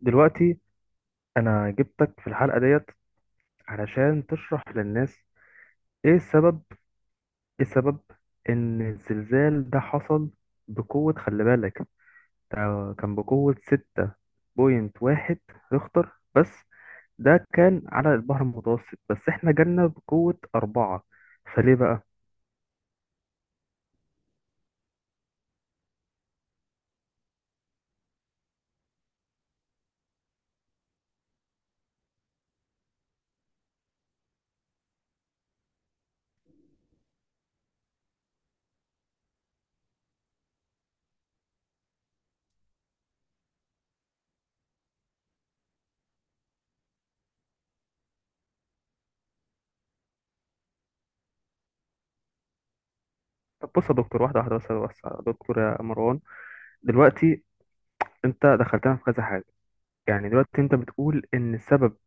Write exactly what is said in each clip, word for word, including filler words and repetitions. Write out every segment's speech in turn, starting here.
دلوقتي انا جبتك في الحلقة ديت علشان تشرح للناس ايه السبب ايه السبب ان الزلزال ده حصل بقوة. خلي بالك ده كان بقوة ستة بوينت واحد ريختر بس. ده كان على البحر المتوسط بس احنا جالنا بقوة أربعة، فليه بقى؟ طب بص يا دكتور، واحدة واحدة، بس بس يا دكتور يا مروان. دلوقتي انت دخلتنا في كذا حاجة. يعني دلوقتي انت بتقول ان السبب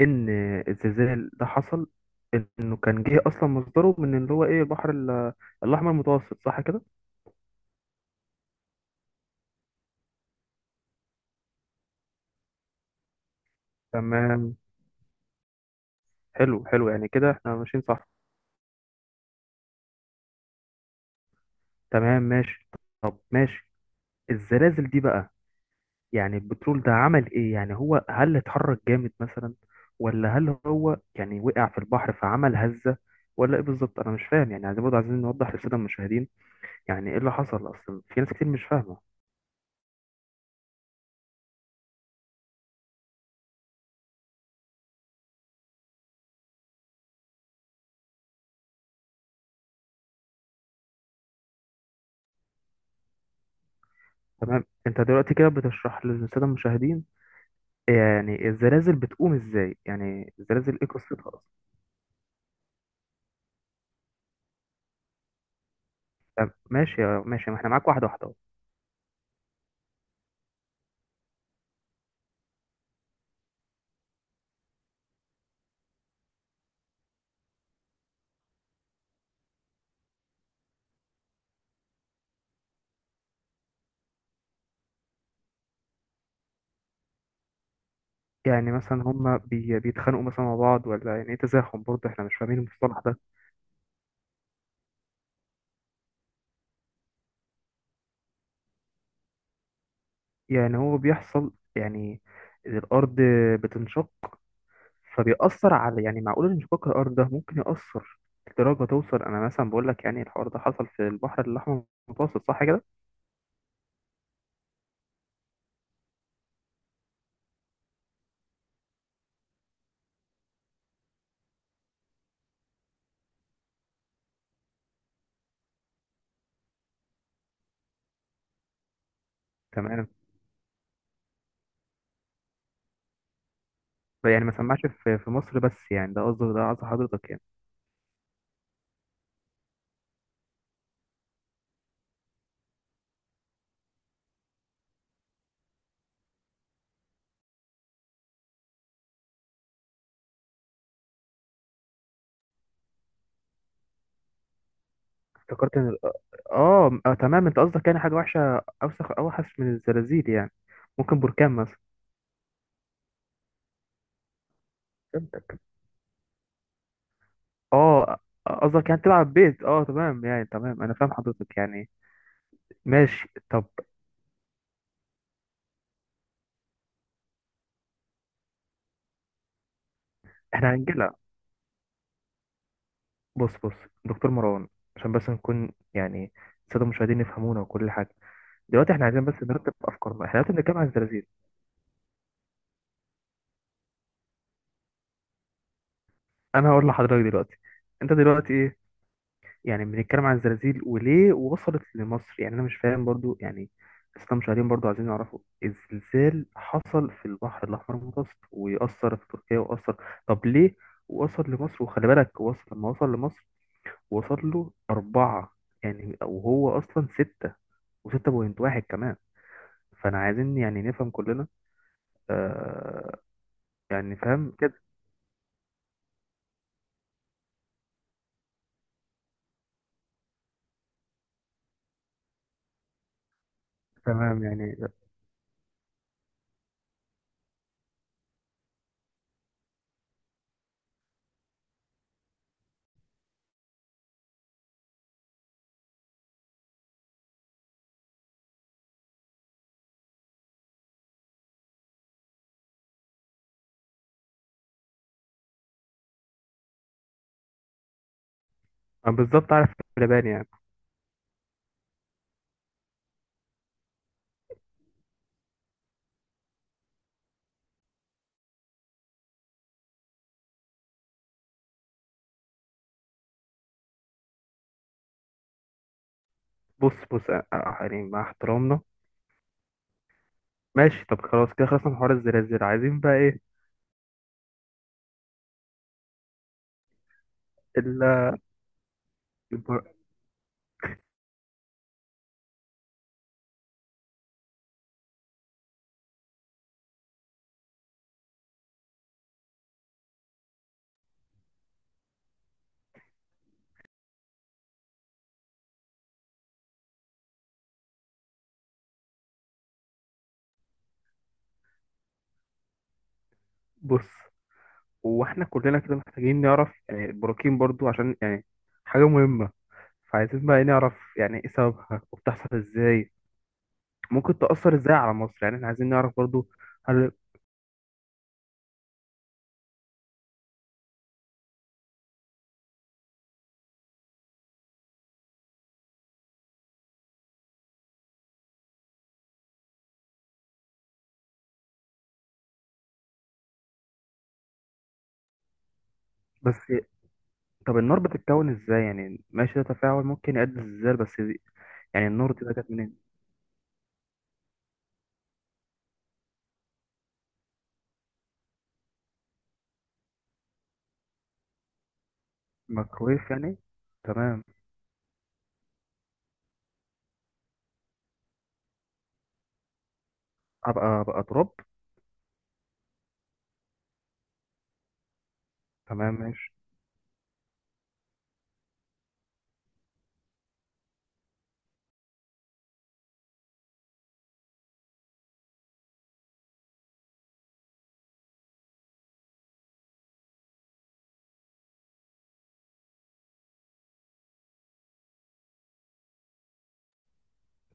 ان الزلزال ده حصل، انه كان جه اصلا مصدره من اللي هو ايه، البحر ال- الاحمر المتوسط، صح كده؟ تمام، حلو حلو، يعني كده احنا ماشيين صح. تمام ماشي، طب ماشي. الزلازل دي بقى، يعني البترول ده عمل ايه؟ يعني هو هل اتحرك جامد مثلا، ولا هل هو يعني وقع في البحر فعمل هزة، ولا ايه بالظبط؟ انا مش فاهم يعني. عايزين برضه عايزين نوضح للساده المشاهدين يعني ايه اللي حصل اصلا، في ناس كتير مش فاهمه. تمام، انت دلوقتي كده بتشرح للساده المشاهدين يعني الزلازل بتقوم ازاي، يعني الزلازل ايه قصتها اصلا. طب ماشي ماشي، ما احنا معاك واحده واحده أهو. يعني مثلا هما بي بيتخانقوا مثلا مع بعض، ولا يعني ايه تزاحم؟ برضه احنا مش فاهمين المصطلح ده. يعني هو بيحصل يعني إن الارض بتنشق فبيأثر على، يعني معقول انشقاق الارض ده ممكن يأثر لدرجه توصل؟ انا مثلا بقول لك يعني الحوار ده حصل في البحر الاحمر المتوسط، صح كده؟ تمام. يعني ما سمعش في في مصر بس، يعني ده قصدي ده قصدي حضرتك يعني. افتكرت ان ال- اه آه، تمام، انت قصدك يعني حاجه وحشه اوسخ اوحش من الزلازل يعني، ممكن بركان مثلا. فهمتك. اه قصدك يعني تلعب بيت، اه تمام يعني، تمام انا فاهم حضرتك يعني. ماشي طب. احنا هنجيلها. بص بص دكتور مروان، عشان بس نكون يعني الساده المشاهدين يفهمونا وكل حاجه. دلوقتي احنا عايزين بس نرتب افكارنا، احنا لازم نتكلم عن الزلازل. انا هقول لحضرتك دلوقتي انت دلوقتي يعني بنتكلم عن الزلازل وليه وصلت لمصر، يعني انا مش فاهم برضو يعني. لسه مشاهدين برضو عايزين يعرفوا. الزلزال حصل في البحر الاحمر المتوسط ويأثر في تركيا وأثر. طب ليه وصل لمصر؟ وخلي بالك وصل، لما وصل لمصر وصل له أربعة، يعني وهو أصلا ستة، وستة بوينت واحد كمان. فأنا عايزين يعني نفهم كلنا. آه. يعني فاهم كده؟ تمام يعني. آه، بالظبط عارف. اللبان يعني. بص بص، آه، آه، يعني مع احترامنا. ماشي طب، خلاص كده خلصنا من حوار الزلازل. عايزين بقى ايه؟ ال- البر- بص، هو احنا كلنا كده محتاجين نعرف يعني البراكين برضو، عشان يعني حاجة مهمة. فعايزين بقى إيه نعرف يعني ايه سببها، وبتحصل ازاي، ممكن تأثر ازاي على مصر، يعني احنا عايزين نعرف برضو. هل بس. طب النار بتتكون ازاي؟ يعني ماشي ده تفاعل ممكن يؤدي للزلزال، بس دي-. يعني النار دي بقى جت منين؟ ميكرويف يعني. تمام. ابقى ابقى تراب. تمام ماشي.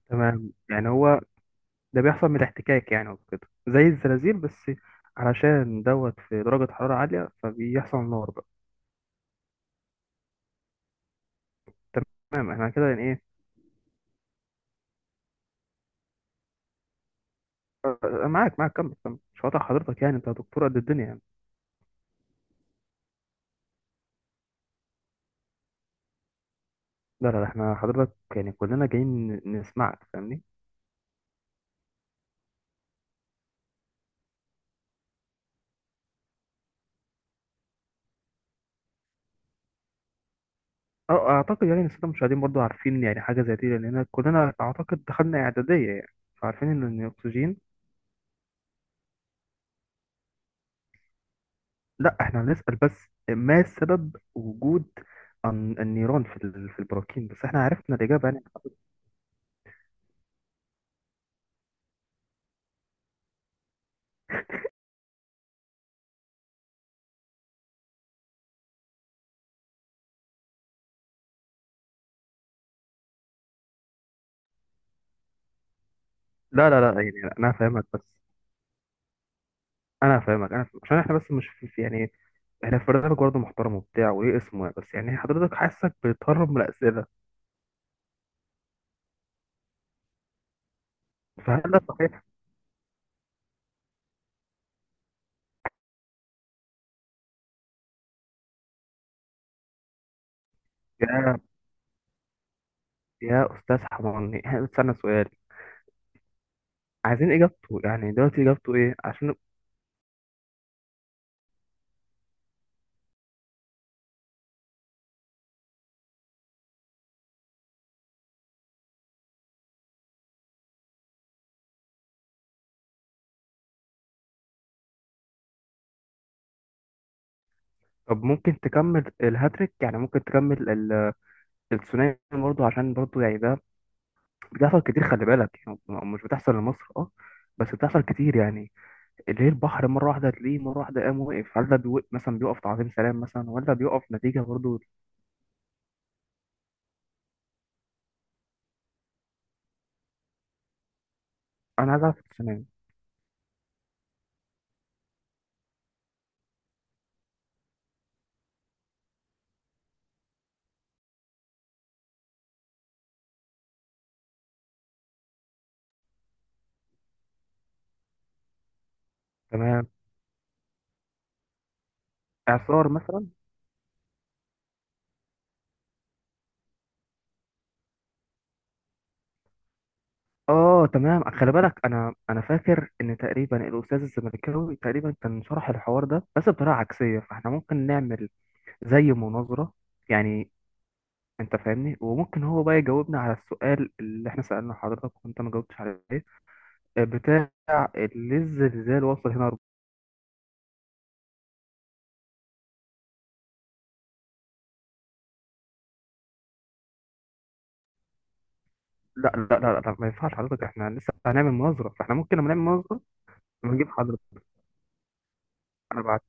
تمام يعني هو ده بيحصل من الاحتكاك يعني وكده، زي الزلازل بس، علشان دوت في درجة حرارة عالية فبيحصل نار بقى. تمام، احنا كده يعني ايه. أنا معاك معاك، كمل كمل، مش قاطع حضرتك يعني، انت دكتور قد الدنيا يعني. لا لا لا، احنا حضرتك يعني كلنا جايين ن- نسمعك، فاهمني. اه اعتقد يعني السادة المشاهدين برضو عارفين يعني حاجة زي دي، لان كلنا اعتقد دخلنا اعدادية يعني. فعارفين ان إن الاكسجين. لا احنا هنسأل بس ما سبب وجود الن- النيران في ال- في البراكين، بس احنا عرفنا الإجابة يعني. لا لا لا يعني انا فاهمك بس. انا فاهمك انا فاهمك. عشان احنا بس مش في في- يعني، احنا في برنامج برضه محترم وبتاع وليه اسمه يعني. بس يعني حضرتك حاسك بتهرب من الاسئله، فهل ده صحيح؟ يا يا استاذ حماني، احنا بنستنى سؤال عايزين اجابته، يعني دلوقتي اجابته ايه عشان. طب ممكن تكمل الهاتريك؟ يعني ممكن تكمل ال- الثنائي برضه عشان برضه يعني ده بتحصل كتير خلي بالك يعني. مش بتحصل لمصر، اه، بس بتحصل كتير يعني. اللي هي البحر مره واحده تلاقيه مره واحده قام وقف، هل ده بيوقف مثلا بيقف تعظيم سلام مثلا، ولا بيقف نتيجه برضو. انا عايز اعرف السنه. تمام. اعصار مثلا. اه تمام، خلي بالك انا انا فاكر ان تقريبا الاستاذ الزمالكاوي تقريبا كان شرح الحوار ده بس بطريقه عكسيه، فاحنا ممكن نعمل زي مناظره يعني. انت فاهمني، وممكن هو بقى يجاوبنا على السؤال اللي احنا سألنا حضرتك وانت ما جاوبتش عليه. آه، بتاع ليه الزلزال وصل هنا. لا لا لا لا ما ينفعش حضرتك، احنا لسه هنعمل مناظرة، فاحنا ممكن لما نعمل مناظرة نجيب حضرتك. انا بعد